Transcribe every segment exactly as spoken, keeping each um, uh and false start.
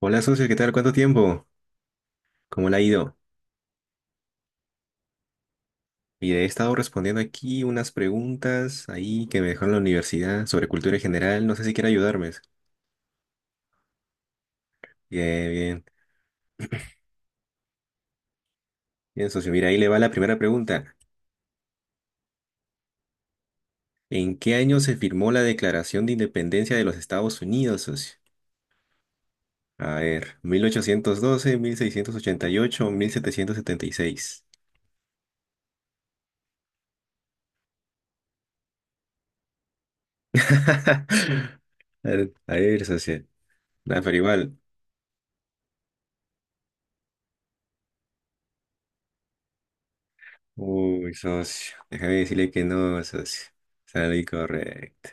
Hola, socio, ¿qué tal? ¿Cuánto tiempo? ¿Cómo le ha ido? Y he estado respondiendo aquí unas preguntas ahí que me dejó en la universidad sobre cultura en general. No sé si quiere ayudarme. Bien, bien. Bien, socio. Mira, ahí le va la primera pregunta. ¿En qué año se firmó la Declaración de Independencia de los Estados Unidos, socio? A ver, mil mil ochocientos doce, mil seiscientos ochenta y ocho, mil setecientos setenta y seis. A ver, socio. Nah, pero igual, uy, socio. Déjame decirle que no, socio. Sale incorrecto.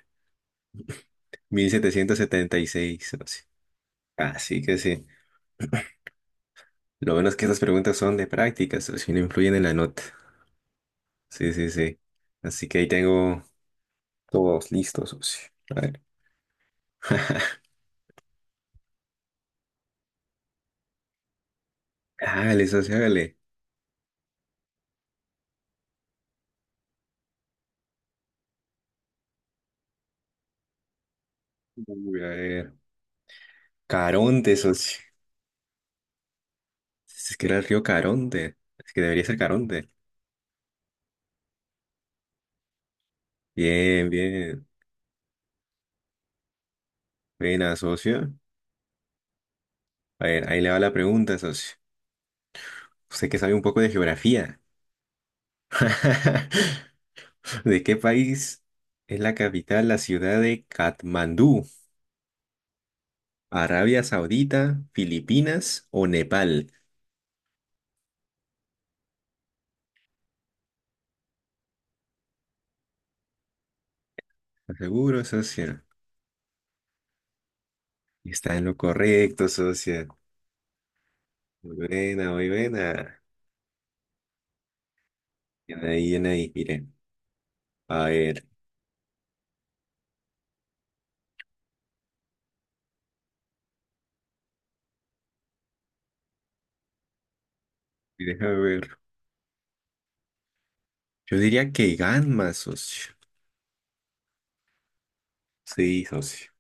Mil setecientos setenta y seis, socio. Así que sí. Lo bueno es que estas preguntas son de práctica, socio, y no influyen en la nota. Sí, sí, sí. Así que ahí tengo todos listos, socio. A ver. Hágale, socio, hágale. Uy, a ver. Caronte, socio. Es que era el río Caronte. Es que debería ser Caronte. Bien, bien. Buena, socio. A ver, ahí le va la pregunta, socio. Usted que sabe un poco de geografía. ¿De qué país es la capital la ciudad de Katmandú? ¿Arabia Saudita, Filipinas o Nepal? ¿Estás seguro, socio? Está en lo correcto, socio. Muy buena, muy buena. Bien ahí, bien ahí, mire. A ver, déjame ver. Yo diría que Ganma, socio. Sí, socio.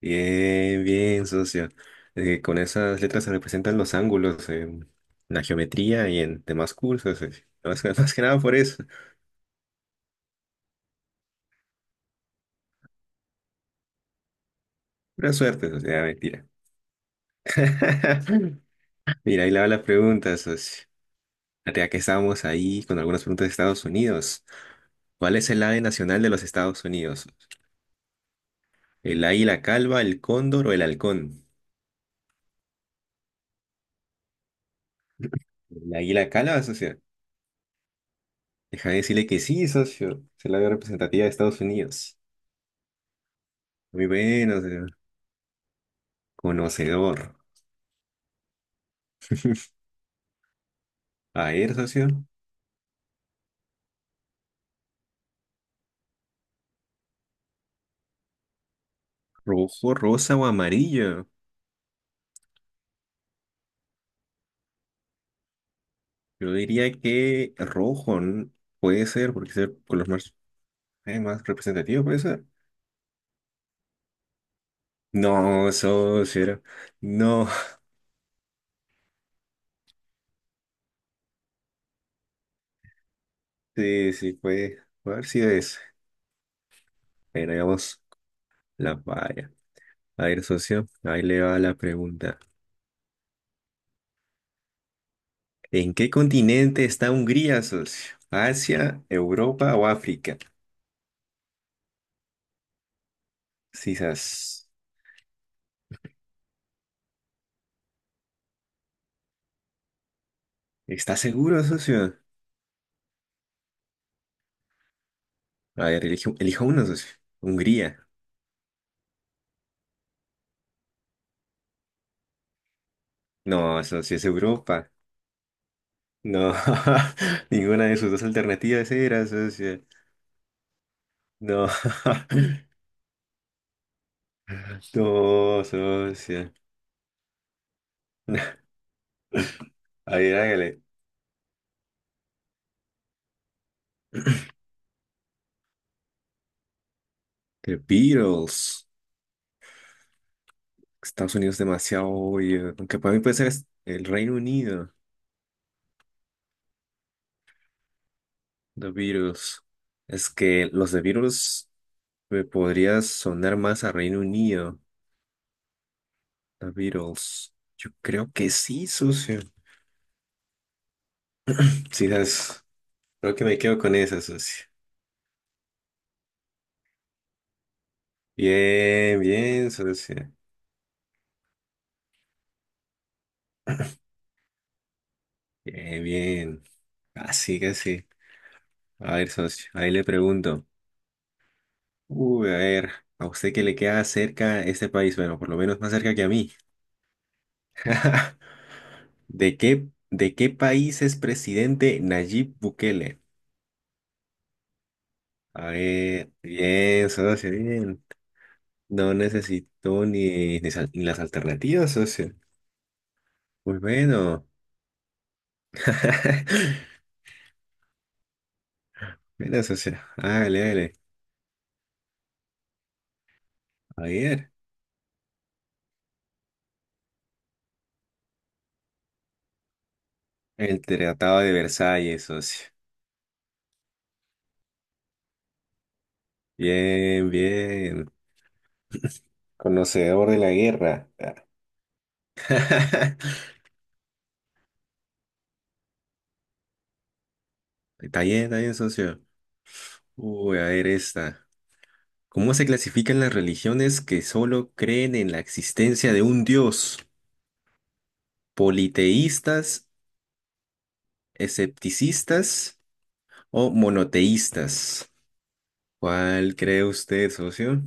Bien, bien, socio. Eh, con esas letras se representan los ángulos en la geometría y en demás cursos, socio. Más que, más que nada por eso. Pura suerte, socio. Ah, mentira. Mira, ahí le va la pregunta, socio. Ya que estábamos ahí con algunas preguntas de Estados Unidos. ¿Cuál es el ave nacional de los Estados Unidos? ¿El águila calva, el cóndor o el halcón? ¿El águila calva, socio? Deja de decirle que sí, socio. Es el ave representativa de Estados Unidos. Muy bueno, socio. Conocedor. A ver, socio. ¿Rojo, rosa o amarillo? Yo diría que rojo, ¿no? Puede ser, porque es el color más, eh, más representativo, puede ser. No, socio, era- no, sí, sí, puede, a ver si es, bueno, digamos, la valla. A ver, socio, ahí le va la pregunta. ¿En qué continente está Hungría, socio? ¿Asia, Europa o África? Sisas, ¿estás seguro, socio? A ver, elijo, elijo uno, socio. Hungría. No, socio, es Europa. No, ninguna de sus dos alternativas era, socio. No, no, socio. A ver, hágale. The Beatles. Estados Unidos demasiado obvio. Aunque para mí puede ser es- el Reino Unido. The Beatles. Es que los The Beatles me podría sonar más a Reino Unido. The Beatles. Yo creo que sí, socio. Sí, sabes. Creo que me quedo con esa, socio. Bien, bien, socio. Bien, bien. Casi, casi. A ver, socio. Ahí le pregunto. Uy, a ver. ¿A usted qué le queda cerca este país? Bueno, por lo menos más cerca que a mí. ¿De qué, de qué país es presidente Nayib Bukele? A ver, bien, socio, bien. No necesito ni, ni, sal- ni las alternativas, socio. Muy bueno. Bueno, socio. Hágale, hágale. A ver. El Tratado de Versalles, socio. Bien, bien. Conocedor de la guerra. Está bien, está bien, socio. Uy, a ver esta. ¿Cómo se clasifican las religiones que solo creen en la existencia de un Dios? Politeístas, escepticistas o monoteístas. ¿Cuál cree usted, socio?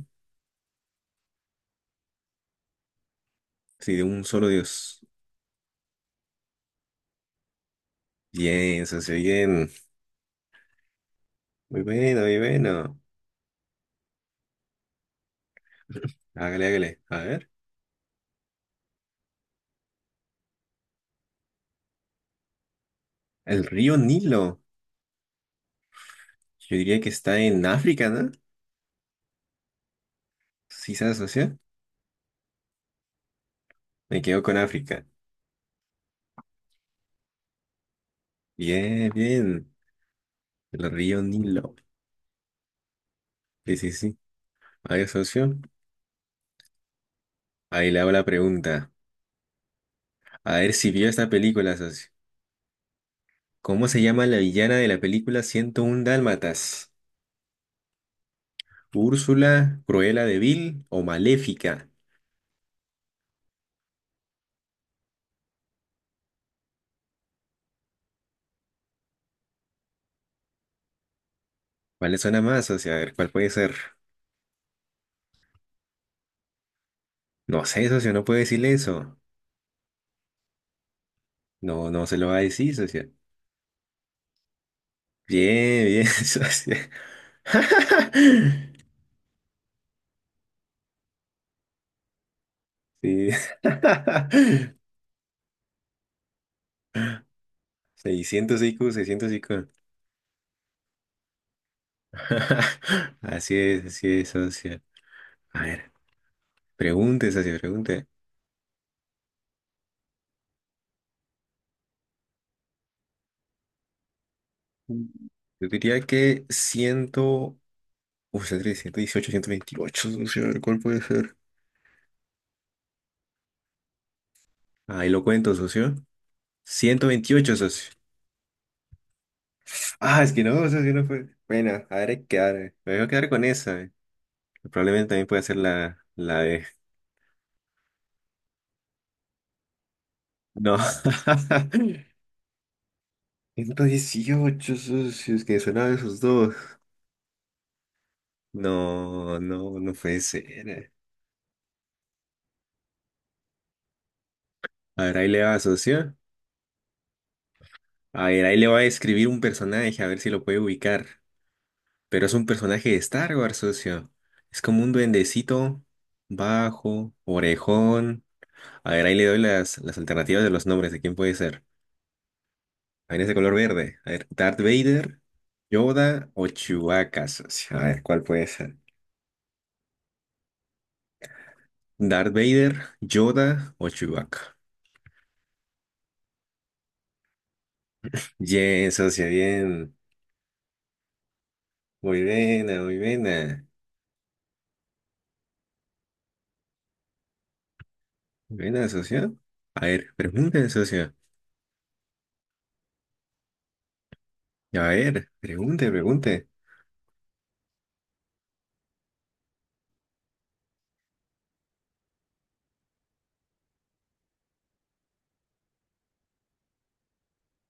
Si de un solo Dios. Bien, socio, bien. Muy bueno, muy bueno. Hágale, hágale. A ver. El río Nilo. Yo diría que está en África, ¿no? Sí, ¿sabes, socio? Me quedo con África. Bien, bien. El río Nilo. Sí, sí, sí. A ver, socio. Ahí le hago la pregunta. A ver si vio esta película, socio. ¿Cómo se llama la villana de la película ciento uno Dálmatas? ¿Úrsula, Cruella de Vil o Maléfica? ¿Cuál le suena más, socio? A ver, ¿cuál puede ser? No sé, socio, no puede decirle eso. No, no se lo va a decir, socio. Bien, bien, socio. Sí. seiscientos I Q, seiscientos I Q. Así es, así es, socio. A ver, pregunte, socio, pregunte. Yo diría que cien. Uf, tres, ciento dieciocho, ciento veintiocho, socio. A ver, ¿cuál puede ser? Ahí lo cuento, socio. Ciento veintiocho, socio. Ah, es que no, socio, no fue. Bueno, a ver, hay que quedar. eh. Me voy a quedar con esa. eh. Probablemente también puede ser la, la de. No. ciento dieciocho, socio. Es que sonaba esos dos. No, no, no puede ser. eh. A ver, ahí le va, socio. A ver, ahí le va a escribir un personaje, a ver si lo puede ubicar. Pero es un personaje de Star Wars, socio. Es como un duendecito bajo, orejón. A ver, ahí le doy las, las alternativas de los nombres de quién puede ser. A ver, ese color verde. A ver, Darth Vader, Yoda o Chewbacca, socio. A ver, ¿cuál puede ser? Darth Vader, Yoda o Chewbacca. Bien, socio, bien. Muy buena, muy buena. Muy buena, socio. A ver, pregunten, socio. A ver, pregunte, pregunte.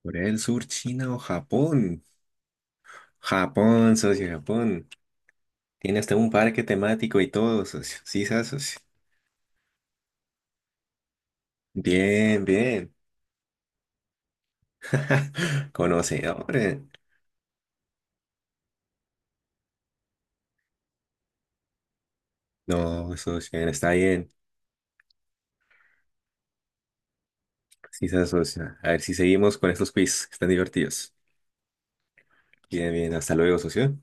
¿Corea del Sur, China o Japón? Japón, socio, Japón. Tiene hasta un parque temático y todo, socio. Sí, sa, socio. Bien, bien. Conocedores. No, socio, está bien. Sí, sa, socio. A ver si seguimos con estos quiz. Están divertidos. Bien, bien. Hasta luego, socio.